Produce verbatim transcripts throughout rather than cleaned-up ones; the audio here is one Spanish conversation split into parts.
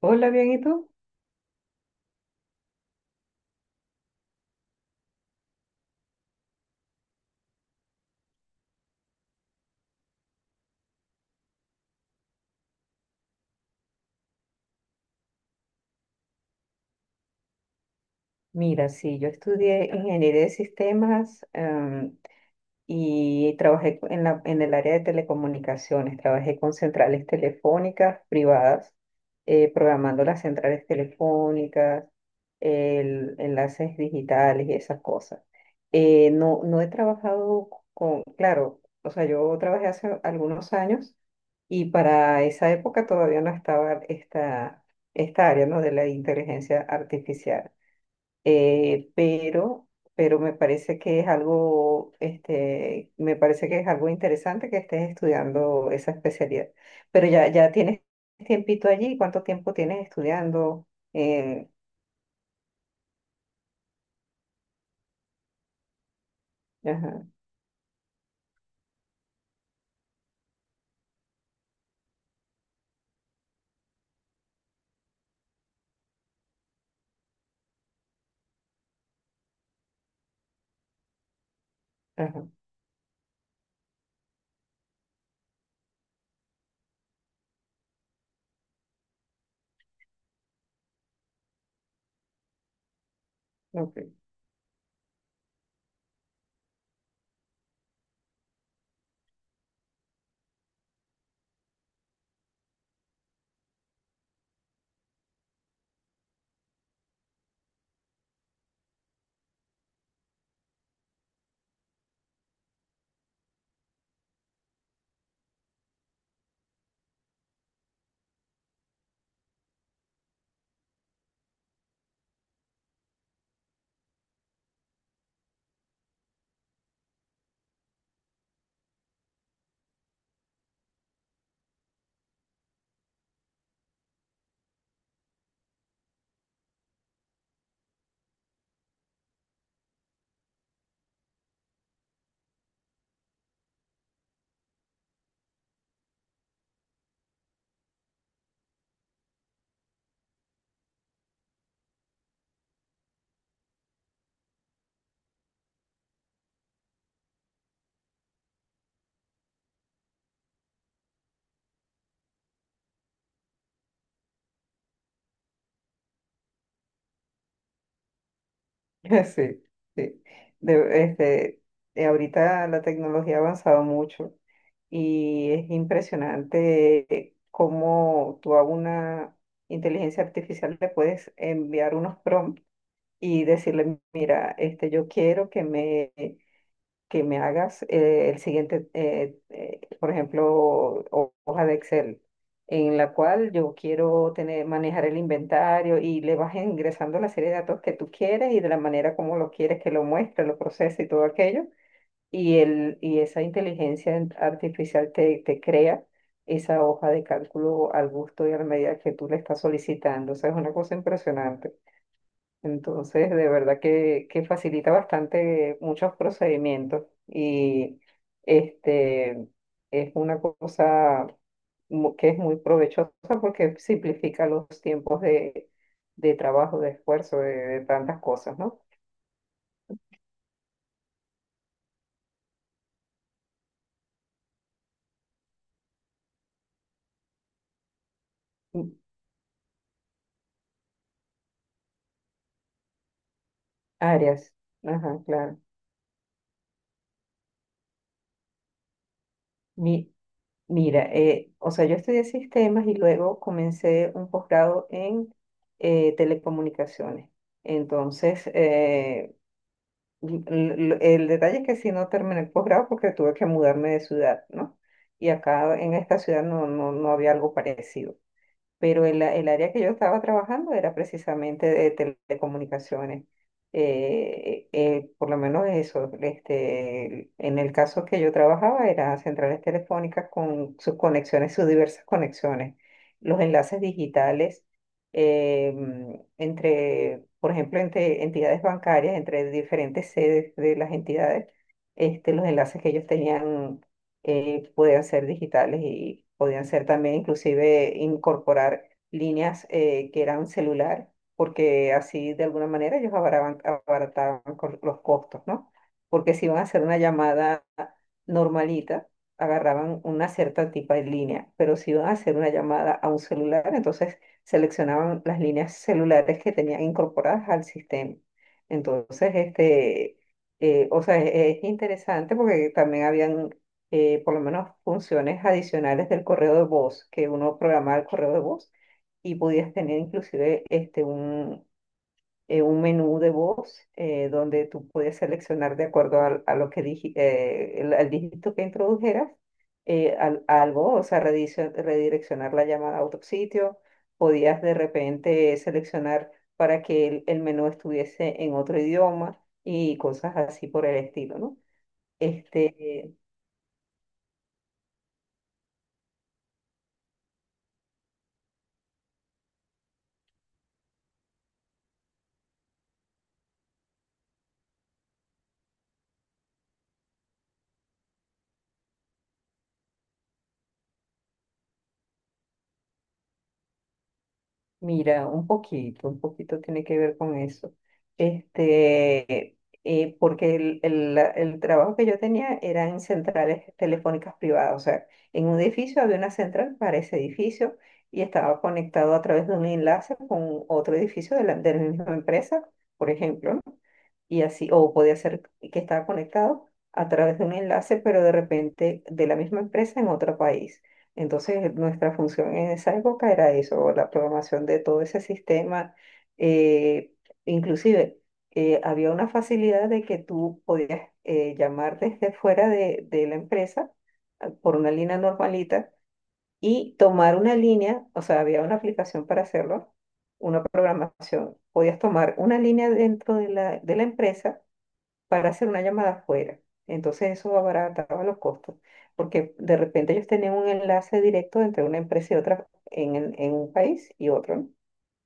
Hola, bien, ¿y tú? Mira, sí, yo estudié ingeniería de sistemas em, y trabajé co- en la, en el área de telecomunicaciones. Trabajé con centrales telefónicas privadas, eh, programando las centrales telefónicas, el- enlaces digitales y esas cosas. Eh, no, no he trabajado con, claro, o sea, yo trabajé hace algunos años y para esa época todavía no estaba esta, esta área, ¿no? De la inteligencia artificial. eh, pero, pero me parece que es algo, este, me parece que es algo interesante que estés estudiando esa especialidad. Pero ya, ya tienes tiempito allí, ¿cuánto tiempo tienes estudiando? Eh, ajá, ajá, ok. Sí, sí. De- este, eh, Ahorita la tecnología ha avanzado mucho y es impresionante cómo tú a una inteligencia artificial le puedes enviar unos prompts y decirle, mira, este, yo quiero que me, que me hagas eh, el siguiente, eh, eh, por ejemplo, ho- hoja de Excel, en la cual yo quiero tener, manejar el inventario y le vas ingresando la serie de datos que tú quieres y de la manera como lo quieres que lo muestre, lo procese y todo aquello. Y, el, y esa inteligencia en- artificial te, te crea esa hoja de cálculo al gusto y a la medida que tú le estás solicitando. O sea, es una cosa impresionante. Entonces, de verdad que, que facilita bastante muchos procedimientos y este, es una cosa mu- que es muy provechosa porque simplifica los tiempos de, de trabajo, de esfuerzo, de, de tantas cosas, ¿no? Mm, áreas, ajá, claro. Mi, Mira, eh, o sea, yo estudié sistemas y luego comencé un posgrado en eh, telecomunicaciones. Entonces, eh, l- El detalle es que sí no terminé el posgrado porque tuve que mudarme de ciudad, ¿no? Y acá en esta ciudad no, no, no había algo parecido, pero el, a- el área que yo estaba trabajando era precisamente de telecomunicaciones. Eh, eh, por lo menos eso, este, en el caso que yo trabajaba eran centrales telefónicas con sus conexiones, sus diversas conexiones, los enlaces digitales em, entre, por ejemplo, entre entidades bancarias, entre diferentes sedes de las entidades, este, los enlaces que ellos tenían eh, podían ser digitales y podían ser también inclusive incorporar líneas eh, que eran celular, porque así de alguna manera ellos abaraban- abarataban, co- los costos, ¿no? Porque si iban a hacer una llamada normalita, agarraban una cierta tipo de línea, pero si iban a hacer una llamada a un celular, entonces seleccionaban las líneas celulares que tenían incorporadas al sistema. Entonces, este, eh, o sea, es es interesante porque también habían eh, por lo menos funciones adicionales del correo de voz, que uno programaba el correo de voz y podías tener inclusive este, un, eh, un menú de voz eh, donde tú podías seleccionar de acuerdo al- a lo que digi- eh, el- al dígito que introdujeras eh, al- algo, o sea, redicio- redireccionar la llamada a otro sitio, podías de repente seleccionar para que el, el menú estuviese en otro idioma y cosas así por el estilo, ¿no? Este, mira, un poquito, un poquito tiene que ver con eso. Este, eh, porque el, el- la- el trabajo que yo tenía era en centrales telefónicas privadas, o sea, en un edificio había una central para ese edificio y estaba conectado a través de un enlace con otro edificio de la, de la misma empresa, por ejemplo, ¿no? Y así, o podía ser que estaba conectado a través de un enlace, pero de repente de la misma empresa en otro país. Entonces, nuestra función en esa época era eso, la programación de todo ese sistema. eh, inclusive, eh, Había una facilidad de que tú podías eh, llamar desde fuera de, de la empresa, ah, por una línea normalita y tomar una línea, o sea, había una aplicación para hacerlo, una programación. Podías tomar una línea dentro de la, de la empresa para hacer una llamada afuera. Entonces eso abarataba los costos, porque de repente ellos tenían un enlace directo entre una empresa y otra en, en- en un país y otro, ¿no?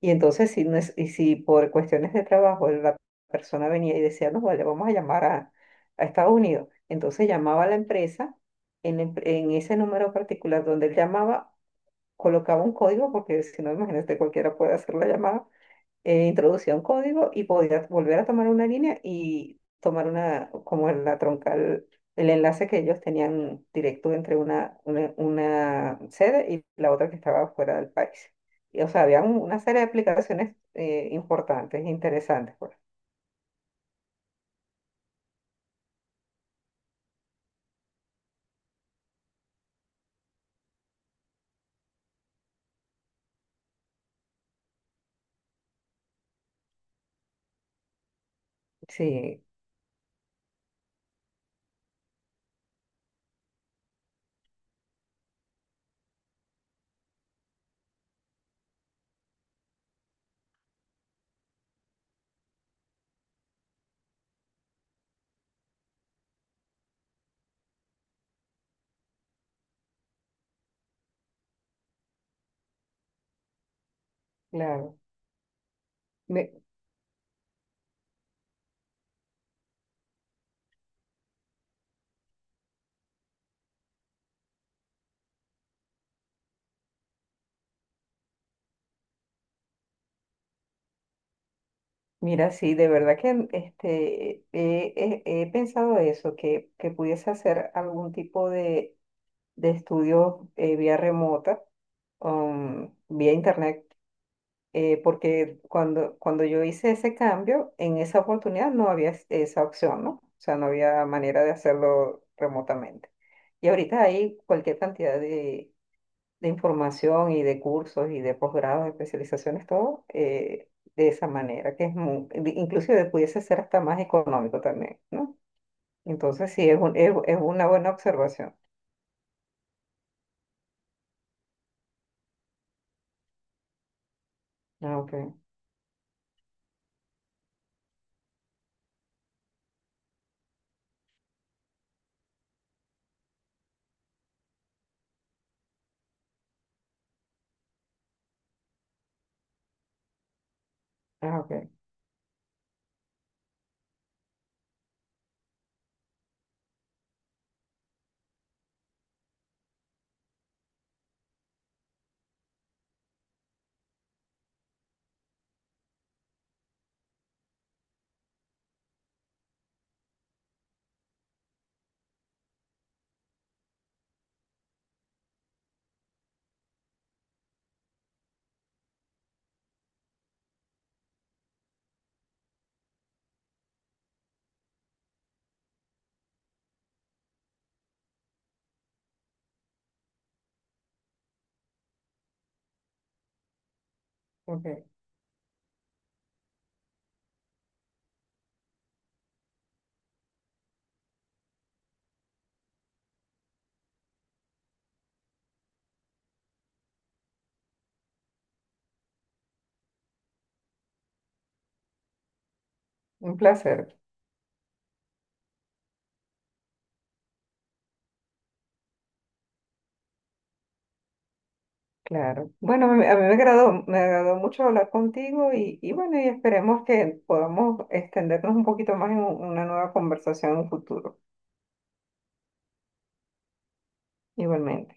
Y entonces si, no es- y si por cuestiones de trabajo la persona venía y decía, no, vale, vamos a llamar a, a Estados Unidos, entonces llamaba a la empresa en, la em- en ese número particular donde él llamaba, colocaba un código, porque si no, imagínate, cualquiera puede hacer la llamada. Eh, introducía un código y podía volver a tomar una línea y tomar una, como la troncal, el enlace que ellos tenían directo entre una, una, una sede y la otra que estaba fuera del país. Y, o sea, había un- una serie de aplicaciones eh, importantes, interesantes, pues. Sí, claro. Me- Mira, sí, de verdad que este, he, he- he pensado eso, que, que pudiese hacer algún tipo de, de estudio eh, vía remota, um, vía internet, eh, porque cuando, cuando yo hice ese cambio, en esa oportunidad no había es- esa opción, ¿no? O sea, no había manera de hacerlo remotamente. Y ahorita hay cualquier cantidad de, de información y de cursos y de posgrados, de especializaciones, todo eh, de esa manera, que es muy, inclusive pudiese ser hasta más económico también, ¿no? Entonces sí, es un- es, es una buena observación. Ah, ok, ah, ok, ok. Un placer. Claro. Bueno, a mí, a mí me agradó, me agradó mucho hablar contigo y, y bueno, y esperemos que podamos extendernos un poquito más en un- una nueva conversación en un futuro, igualmente.